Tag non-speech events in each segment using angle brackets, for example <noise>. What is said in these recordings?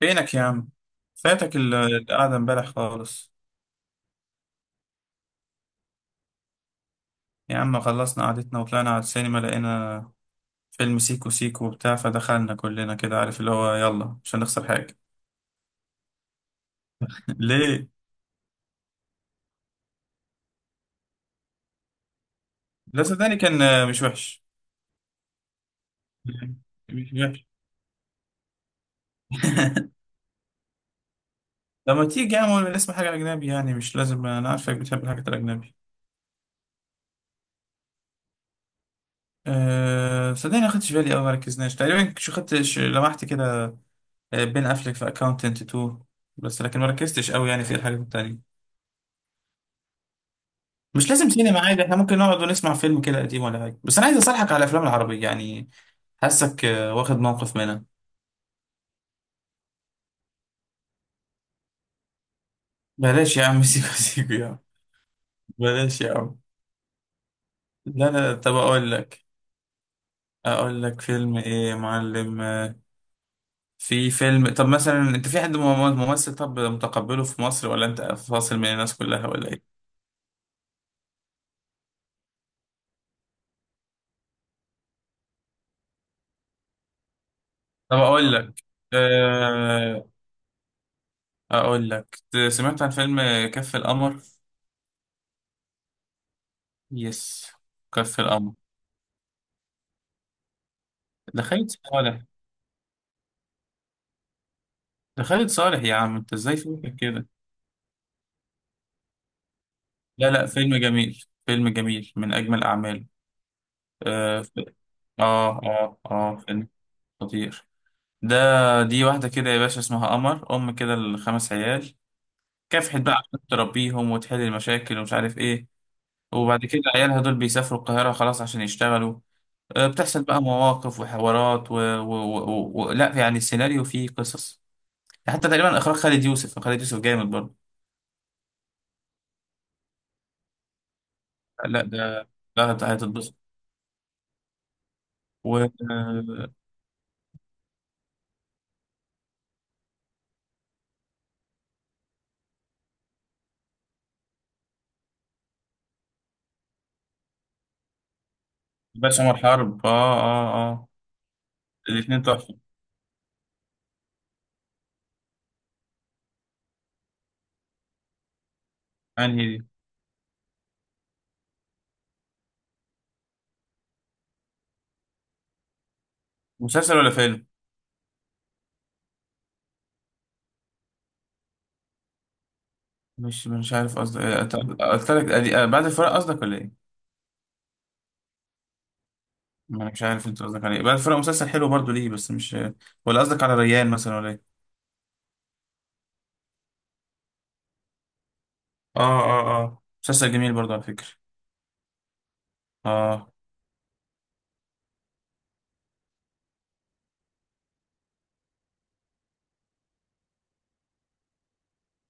فينك يا عم؟ فاتك القعدة امبارح خالص. يا عم، خلصنا قعدتنا وطلعنا على السينما، لقينا فيلم سيكو سيكو وبتاع، فدخلنا كلنا كده، عارف اللي هو، يلا مش هنخسر حاجة. <laughs> ليه؟ لا صدقني، كان مش وحش، مش وحش. لما تيجي يا عم نسمع حاجة أجنبي، يعني مش لازم، أنا عارفك بتحب الحاجات الأجنبي. أه صدقني، ما خدتش بالي أوي، ما ركزناش تقريبا، شو خدت لمحت كده. بين أفلك في أكاونتنت 2. بس لكن ما ركزتش أوي يعني في الحاجات التانية. مش لازم سينما عادي، احنا ممكن نقعد ونسمع فيلم كده قديم ولا حاجه، بس انا عايز اصالحك على الافلام العربيه يعني، حاسك واخد موقف منها. بلاش يا عم <laughs> سيكو سيكو يا عم، بلاش يا عم. لا لا، طب اقول لك، فيلم ايه يا معلم؟ في فيلم. طب مثلا انت في حد ممثل طب متقبله في مصر، ولا انت فاصل من الناس كلها، ولا ايه؟ طب اقول لك، آه، اقول لك، سمعت عن فيلم كف القمر. يس، كف القمر. دخلت صالح. ده خالد صالح يا عم، انت ازاي فوتك كده؟ لا لا، فيلم جميل، فيلم جميل، من اجمل اعماله. اه ف- فيلم خطير ده. دي واحده كده يا باشا اسمها قمر ام كده الخمس عيال، كافحت بقى عشان تربيهم وتحل المشاكل ومش عارف ايه. وبعد كده عيالها دول بيسافروا القاهره خلاص عشان يشتغلوا. بتحصل بقى مواقف وحوارات لا يعني، السيناريو فيه قصص. حتى تقريبا اخراج خالد يوسف، خالد يوسف جامد برضه. لا ده، لا هتتبسط. بس عمر حرب، اه اه الاتنين تحفة. انهي دي؟ مسلسل ولا فيلم؟ مش عارف قصدك، قلت لك بعد الفراق قصدك، ولا ايه؟ ما انا مش عارف انت قصدك على ايه. بعد الفراق مسلسل حلو برضو، ليه بس؟ مش، ولا قصدك على ريان مثلا، ولا ايه؟ اه اه اه، مسلسل جميل برضو على فكرة. اه،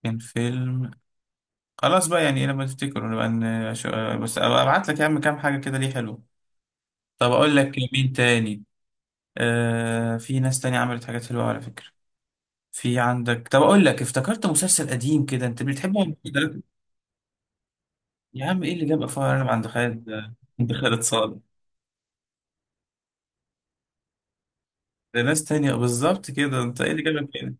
كان فيلم. خلاص بقى، يعني إيه، لما تفتكر نبقى بس أبقى ابعت لك يا عم كام حاجة كده ليه حلو. طب اقول لك مين تاني. في ناس تانية عملت حاجات حلوة على فكرة. في عندك، طب اقول لك افتكرت مسلسل قديم كده، انت بتحبه ولا بتحبه؟ يا عم ايه اللي جابك فار، انا عند خالد، عند خالد صالح. ده ناس تانية بالظبط كده، انت ايه اللي جابك هنا؟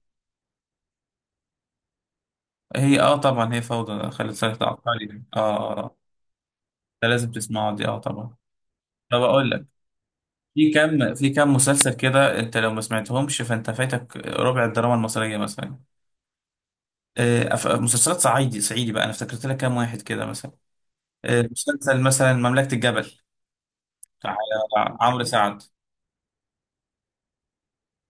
هي، طبعا هي فوضى. خالد صالح ده عبقري ده. ده لازم تسمعه دي، اه طبعا. طب اقول لك، في كام مسلسل كده، انت لو ما سمعتهمش فانت فايتك ربع الدراما المصرية مثلا. مسلسلات صعيدي صعيدي بقى، انا افتكرت لك كام واحد كده مثلا. مسلسل مثلا مملكة الجبل بتاع عمرو سعد.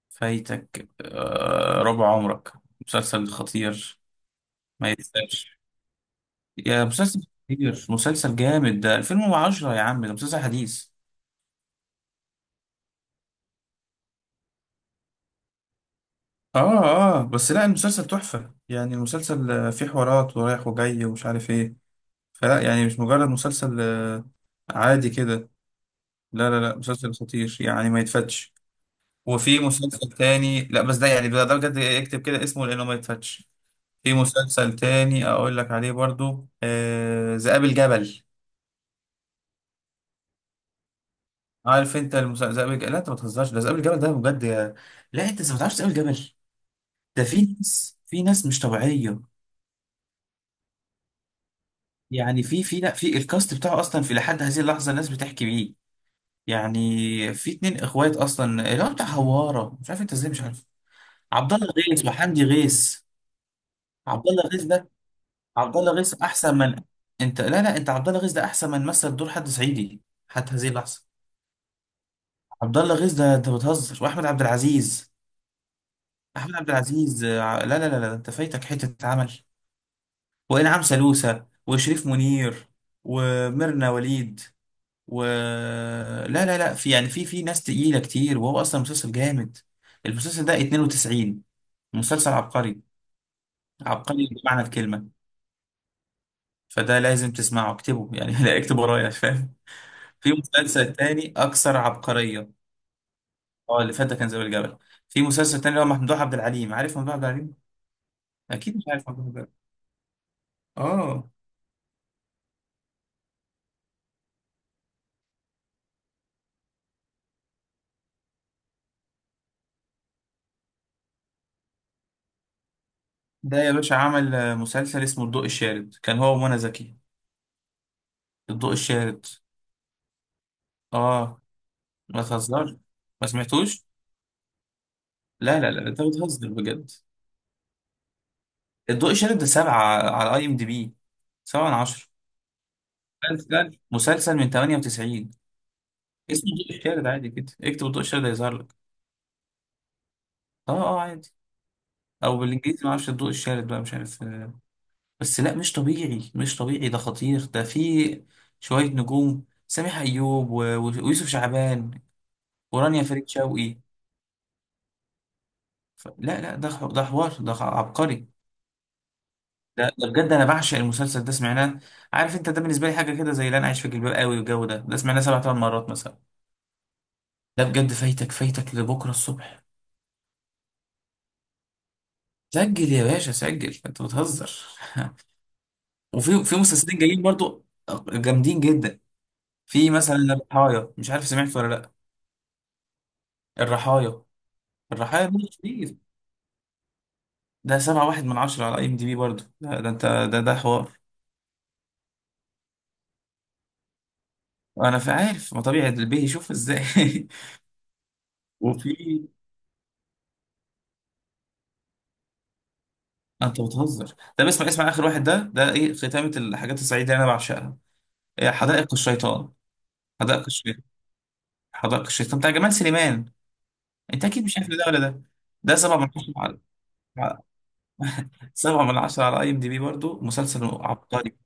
فايتك ربع عمرك، مسلسل خطير ما يتسابش. يا مسلسل خطير، مسلسل جامد، ده 2010 يا عم، ده مسلسل حديث. اه اه، بس لا، المسلسل تحفة يعني، المسلسل فيه حوارات ورايح وجاي ومش عارف ايه. فلا يعني، مش مجرد مسلسل عادي كده. لا لا لا، مسلسل خطير يعني ما يتفتش. وفي مسلسل تاني، لا بس ده يعني، ده بجد اكتب كده اسمه، لانه ما يتفتش. في مسلسل تاني اقول لك عليه برضو، ذئاب الجبل. عارف انت ذئاب الجبل. لا انت ما تهزرش، ده ذئاب الجبل ده بجد لا انت إزاي ما تعرفش ذئاب الجبل؟ ده في ناس مش طبيعيه، يعني في في لا في الكاست بتاعه اصلا، في لحد هذه اللحظه الناس بتحكي بيه. يعني في اتنين اخوات اصلا اللي هو بتاع هواره، مش عارف انت ازاي مش عارف. عبد الله غيث وحمدي غيث. عبد الله غيث ده، عبد الله غيث احسن من، انت لا لا، انت عبد الله غيث ده احسن من مثل دور حد صعيدي حتى هذه اللحظه. عبد الله غيث ده انت بتهزر. واحمد عبد العزيز، احمد عبد العزيز لا لا لا لا، انت فايتك حته عمل. وانعام سالوسة وشريف منير وميرنا وليد و لا لا لا، في يعني، في ناس تقيله كتير، وهو اصلا مسلسل جامد. المسلسل ده 92، مسلسل عبقري، عبقري بمعنى الكلمه. فده لازم تسمعه، اكتبه يعني <laughs> لا اكتب ورايا، فاهم. في مسلسل تاني اكثر عبقريه. اه، اللي فات ده كان زي الجبل. في مسلسل تاني اللي هو ممدوح عبد العليم، عارف ممدوح عبد العليم؟ اكيد مش عارف ممدوح عبد العليم. اه، ده يا باشا عمل مسلسل اسمه الضوء الشارد، كان هو ومنى زكي. الضوء الشارد، اه، ما تهزرش، ما سمعتوش؟ لا لا لا، انت بتهزر بجد. الضوء الشارد ده سبعة على IMDB، 7/10. مسلسل من 98، اسمه الضوء الشارد عادي كده، اكتب الضوء الشارد هيظهر لك. اه اه، عادي، او بالانجليزي، ما اعرفش. الضوء الشارد بقى مش عارف بس لا، مش طبيعي، مش طبيعي، ده خطير، ده فيه شوية نجوم، سامح ايوب ويوسف شعبان ورانيا فريد شوقي. لا لا، ده حوار، ده عبقري. ده بجد، انا بعشق المسلسل ده، سمعناه. عارف انت، ده بالنسبه لي حاجه كده زي اللي انا عايش في جلباب قوي والجو، ده سمعناه سبع ثمان مرات مثلا. ده بجد فايتك، فايتك لبكره الصبح. سجل يا باشا، سجل، انت بتهزر <laughs> وفي مسلسلين جايين برضو، جامدين جدا. في مثلا الرحايا، مش عارف سمعت ولا لا. الرحايا، ده كتير. ده 7.1/10 على IMDB برضه، ده انت، ده حوار. انا في عارف ما طبيعي البيه يشوف ازاي. <laughs> وفي انت بتهزر، طب اسمع، اسمع اخر واحد ده ايه ختامة الحاجات السعيدة اللي انا بعشقها. إيه، حدائق الشيطان. حدائق الشيطان، حدائق الشيطان بتاع جمال سليمان. انت اكيد مش عارف ده ولا ده. ده 7/10 على على- 7/10 على IMDB برضه، مسلسل عبقري.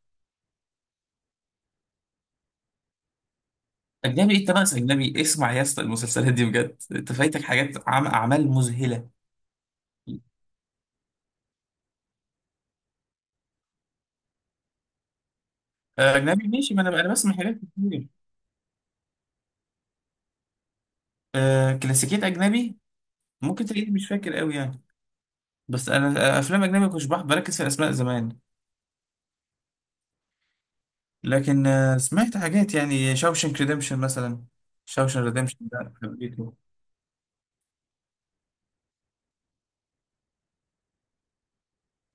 اجنبي ايه؟ انت ناقص اجنبي؟ اسمع يا اسطى، المسلسلات دي بجد، انت فايتك حاجات اعمال مذهلة. اجنبي ماشي، ما انا بسمع حاجات كتير. كلاسيكيات اجنبي، ممكن تلاقيني مش فاكر قوي يعني. بس انا، افلام اجنبي كنتش بركز في الاسماء زمان. لكن سمعت حاجات، يعني شاوشنك ريديمشن مثلا. شاوشن ريديمشن ده حبيته.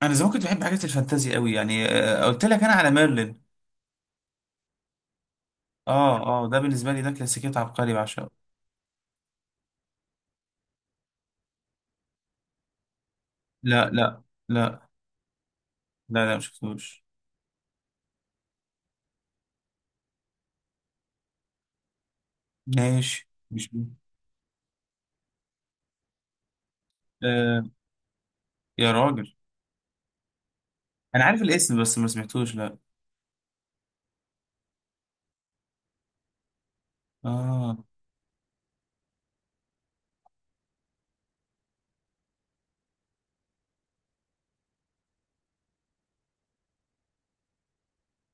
انا زمان كنت بحب حاجات الفانتازي قوي يعني، قلت لك انا على ميرلين. اه اه، ده بالنسبه لي ده كلاسيكيات عبقري بعشقه. لا لا لا لا لا، ما شفتوش، ماشي مش مهم. آه يا راجل، انا عارف الاسم بس ما سمعتوش، لا. اه،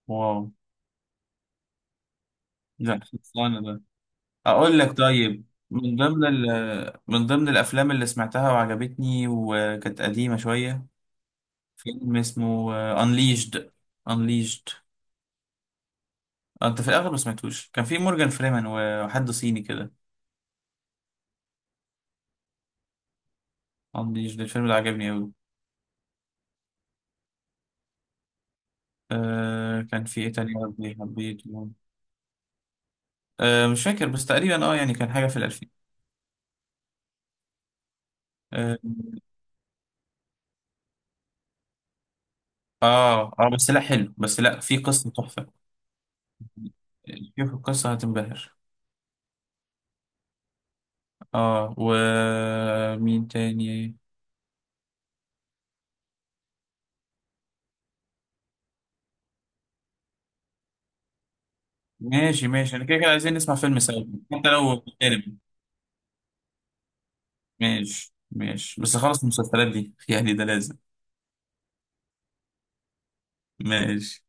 واو، لا خلصانه ده. اقول لك، طيب من ضمن من ضمن الافلام اللي سمعتها وعجبتني وكانت قديمه شويه، فيلم اسمه انليشد. انليشد انت في الاغلب ما سمعتوش، كان في مورجان فريمان وحد صيني كده. انليشد الفيلم ده عجبني قوي. كان في ايه تاني يا ربي، حبيته. مش فاكر بس تقريبا، يعني كان حاجه في الالفين. اه اه، بس لا حلو، بس لا، في قصه تحفه. شوف القصه هتنبهر. اه، ومين تاني؟ ماشي ماشي، انا كده كده عايزين نسمع فيلم سوا، حتى لو اجنبي. ماشي ماشي، بس خلص المسلسلات دي <laughs> يعني ده لازم. ماشي.